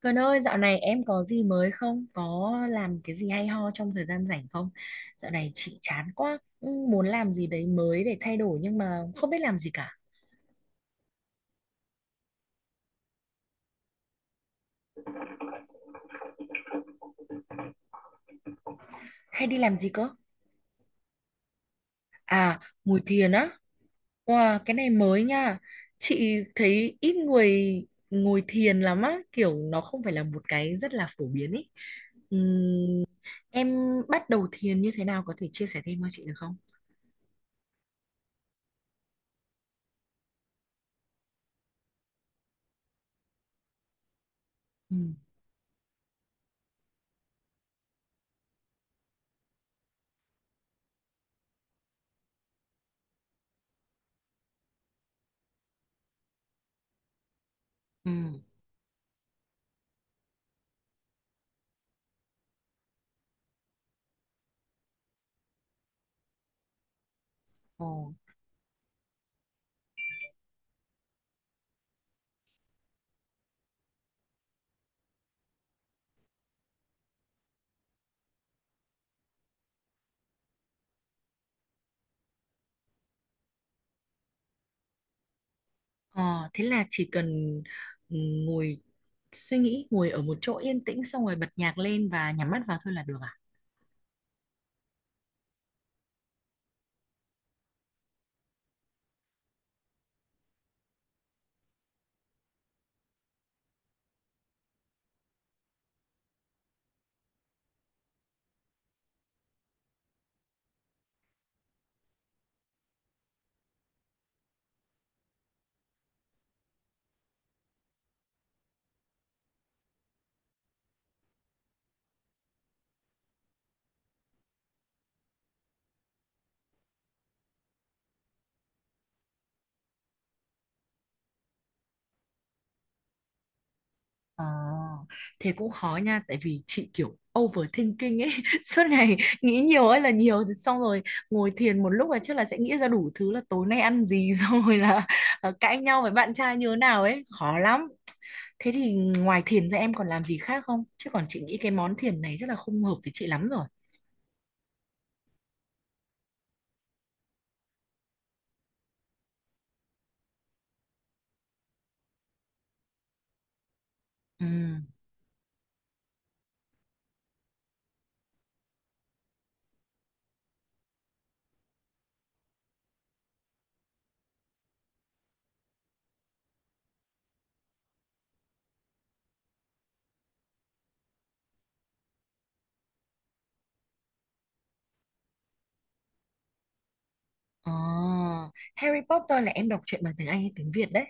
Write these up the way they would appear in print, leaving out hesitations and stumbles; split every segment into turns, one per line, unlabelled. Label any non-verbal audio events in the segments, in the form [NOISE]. Cần ơi, dạo này em có gì mới không? Có làm cái gì hay ho trong thời gian rảnh không? Dạo này chị chán quá, ừ, muốn làm gì đấy mới để thay đổi nhưng mà không biết làm gì cả. Hay đi làm gì cơ? À, ngồi thiền á. Wow, cái này mới nha. Chị thấy ít người ngồi thiền lắm á, kiểu nó không phải là một cái rất là phổ biến ý. Ừm, em bắt đầu thiền như thế nào có thể chia sẻ thêm cho chị được không? Ừ. Ừ. Ồ. Ờ, thế là chỉ cần ừ, ngồi suy nghĩ, ngồi ở một chỗ yên tĩnh xong rồi bật nhạc lên và nhắm mắt vào thôi là được à? Ờ, thế cũng khó nha, tại vì chị kiểu overthinking ấy, [LAUGHS] suốt ngày nghĩ nhiều ấy là nhiều, thì xong rồi ngồi thiền một lúc là chắc là sẽ nghĩ ra đủ thứ là tối nay ăn gì, [LAUGHS] xong rồi là cãi nhau với bạn trai như thế nào ấy, khó lắm. Thế thì ngoài thiền ra em còn làm gì khác không? Chứ còn chị nghĩ cái món thiền này chắc là không hợp với chị lắm rồi. Ừ. Ờ, Harry Potter là em đọc truyện bằng tiếng Anh hay tiếng Việt đấy?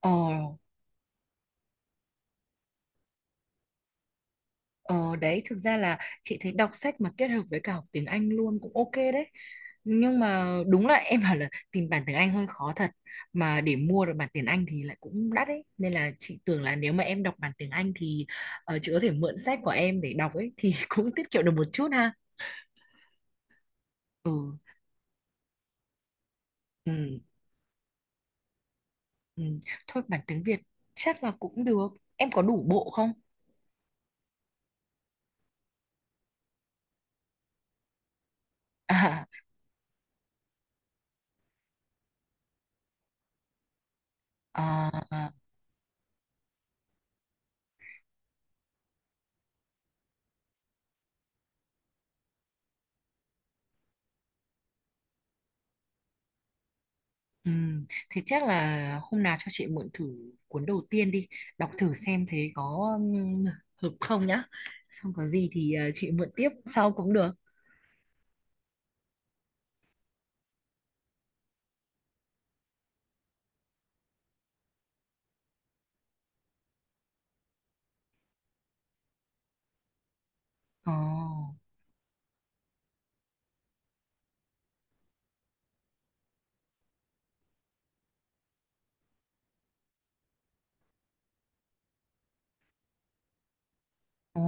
Ờ, ờ đấy thực ra là chị thấy đọc sách mà kết hợp với cả học tiếng Anh luôn cũng ok đấy. Nhưng mà đúng là em bảo là tìm bản tiếng Anh hơi khó thật. Mà để mua được bản tiếng Anh thì lại cũng đắt ấy. Nên là chị tưởng là nếu mà em đọc bản tiếng Anh thì chị có thể mượn sách của em để đọc ấy thì [LAUGHS] cũng tiết kiệm được một chút ha. Ừ, ừ, ừ. Thôi bản tiếng Việt chắc là cũng được. Em có đủ bộ không? [LAUGHS] À, à. Ừ, thế chắc là hôm nào cho chị mượn thử cuốn đầu tiên đi đọc thử xem thế có hợp không nhá, xong có gì thì chị mượn tiếp sau cũng được. Ồ. Ồ.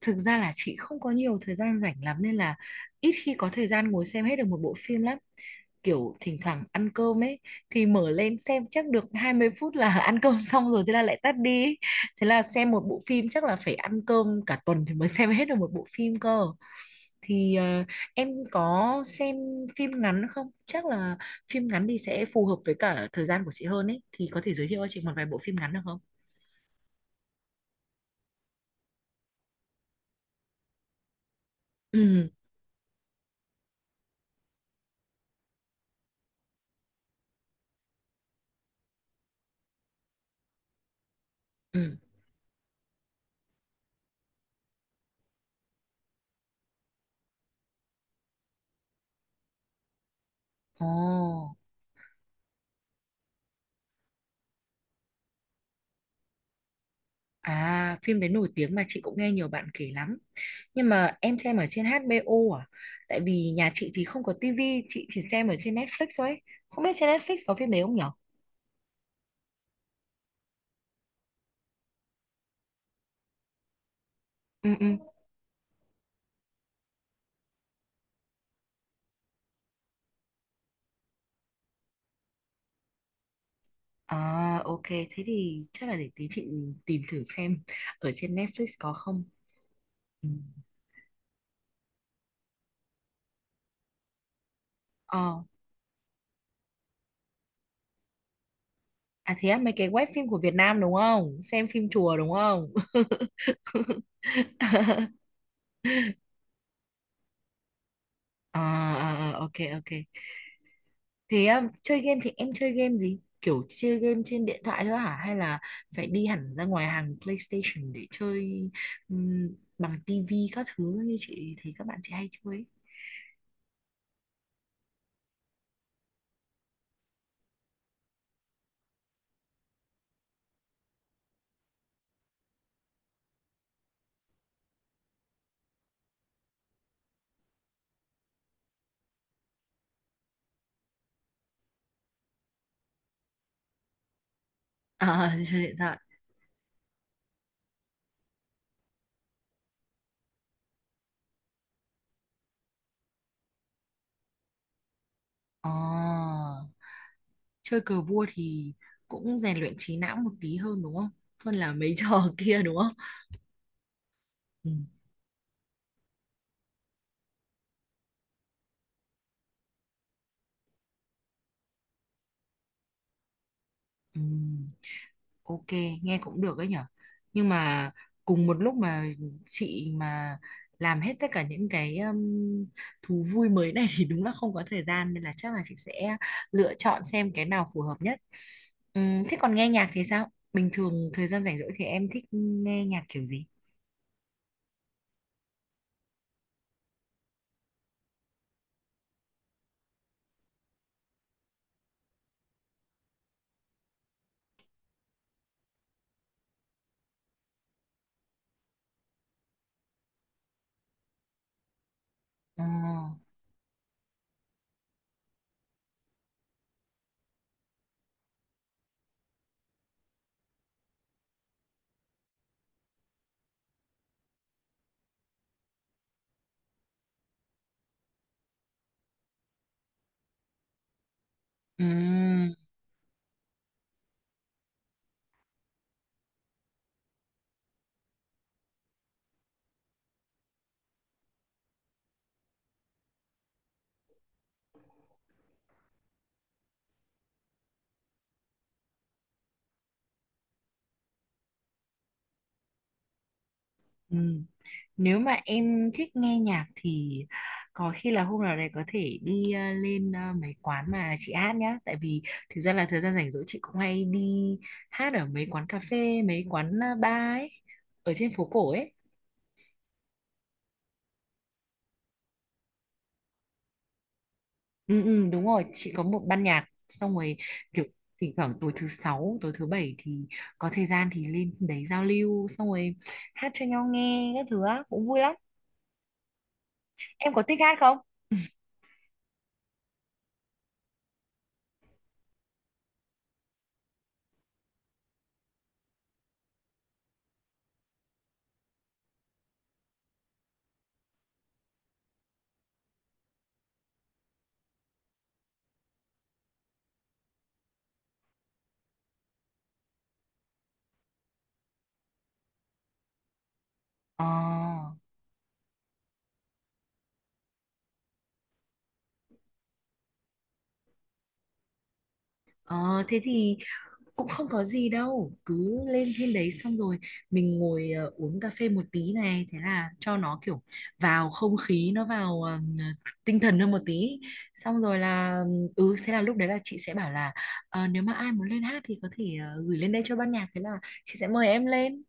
Thực ra là chị không có nhiều thời gian rảnh lắm nên là ít khi có thời gian ngồi xem hết được một bộ phim lắm, kiểu thỉnh thoảng ăn cơm ấy thì mở lên xem chắc được 20 phút là [LAUGHS] ăn cơm xong rồi thế là lại tắt đi, thế là xem một bộ phim chắc là phải ăn cơm cả tuần thì mới xem hết được một bộ phim cơ thì em có xem phim ngắn không? Chắc là phim ngắn thì sẽ phù hợp với cả thời gian của chị hơn ấy. Thì có thể giới thiệu cho chị một vài bộ phim ngắn được không? Ừ, ừ. Ồ, à, phim đấy nổi tiếng mà chị cũng nghe nhiều bạn kể lắm. Nhưng mà em xem ở trên HBO à? Tại vì nhà chị thì không có tivi, chị chỉ xem ở trên Netflix thôi ấy. Không biết trên Netflix có phim đấy không nhở? Ừ, ừ. À, ok. Thế thì chắc là để tí chị tìm thử xem ở trên Netflix có không. Ừ. Ờ. À thế á, mấy cái web phim của Việt Nam đúng không? Xem phim chùa đúng không? [LAUGHS] À, à, à, ok, ok. Thế chơi game thì em chơi game gì? Kiểu chơi game trên điện thoại thôi hả? Hay là phải đi hẳn ra ngoài hàng PlayStation để chơi um, bằng tivi các thứ như chị thấy các bạn chị hay chơi? [LAUGHS] ấy? À, chơi điện thoại. À, chơi cờ vua thì cũng rèn luyện trí não một tí hơn đúng không? Hơn là mấy [LAUGHS] trò kia đúng không? Ừ. Ừ. Ok, nghe cũng được đấy nhở. Nhưng mà cùng một lúc mà chị mà làm hết tất cả những cái thú vui mới này thì đúng là không có thời gian nên là chắc là chị sẽ lựa chọn xem cái nào phù hợp nhất. Thế còn nghe nhạc thì sao? Bình thường thời gian rảnh rỗi thì em thích nghe nhạc kiểu gì? Ờ, ừm, ừm. Nếu mà em thích nghe nhạc thì có khi là hôm nào đấy có thể đi lên mấy quán mà chị hát nhá. Tại vì thực ra là thời gian rảnh rỗi chị cũng hay đi hát ở mấy quán cà phê, mấy quán bar ấy, ở trên phố cổ ấy. Ừ, ừ, đúng rồi, chị có một ban nhạc xong rồi kiểu thỉnh thoảng tối thứ sáu, tối thứ bảy thì có thời gian thì lên đấy giao lưu xong rồi hát cho nhau nghe các thứ á, cũng vui lắm. Em có thích hát không? Ờ. Ờ, thế thì cũng không có gì đâu, cứ lên trên đấy xong rồi mình ngồi uống cà phê một tí này, thế là cho nó kiểu vào không khí, nó vào tinh thần hơn một tí, xong rồi là ừ thế là lúc đấy là chị sẽ bảo là "Ờ, nếu mà ai muốn lên hát thì có thể gửi lên đây cho ban nhạc, thế là chị sẽ mời em lên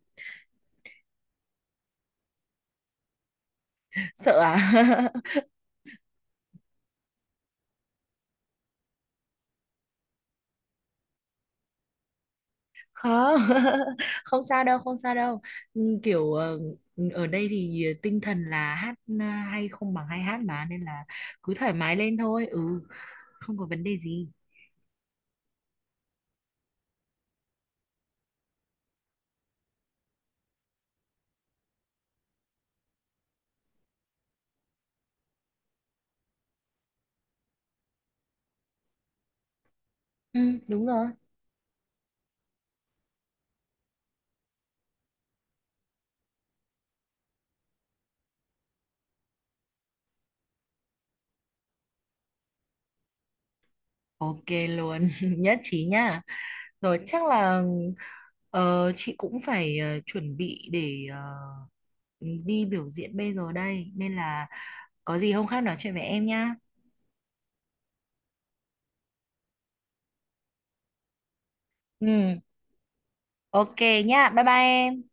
sợ à. [LAUGHS] Không. [LAUGHS] Không sao đâu, không sao đâu. Ừ, kiểu ở đây thì tinh thần là hát ờ, hay không bằng hay hát mà, nên là cứ thoải mái lên thôi. Ừ, không có vấn đề gì. Ừ, đúng rồi. Ok luôn, [LAUGHS] nhất trí nha, rồi chắc là chị cũng phải chuẩn bị để đi biểu diễn bây giờ đây nên là có gì hôm khác nói chuyện với em nhá. Ừ, ok nhá, bye bye em.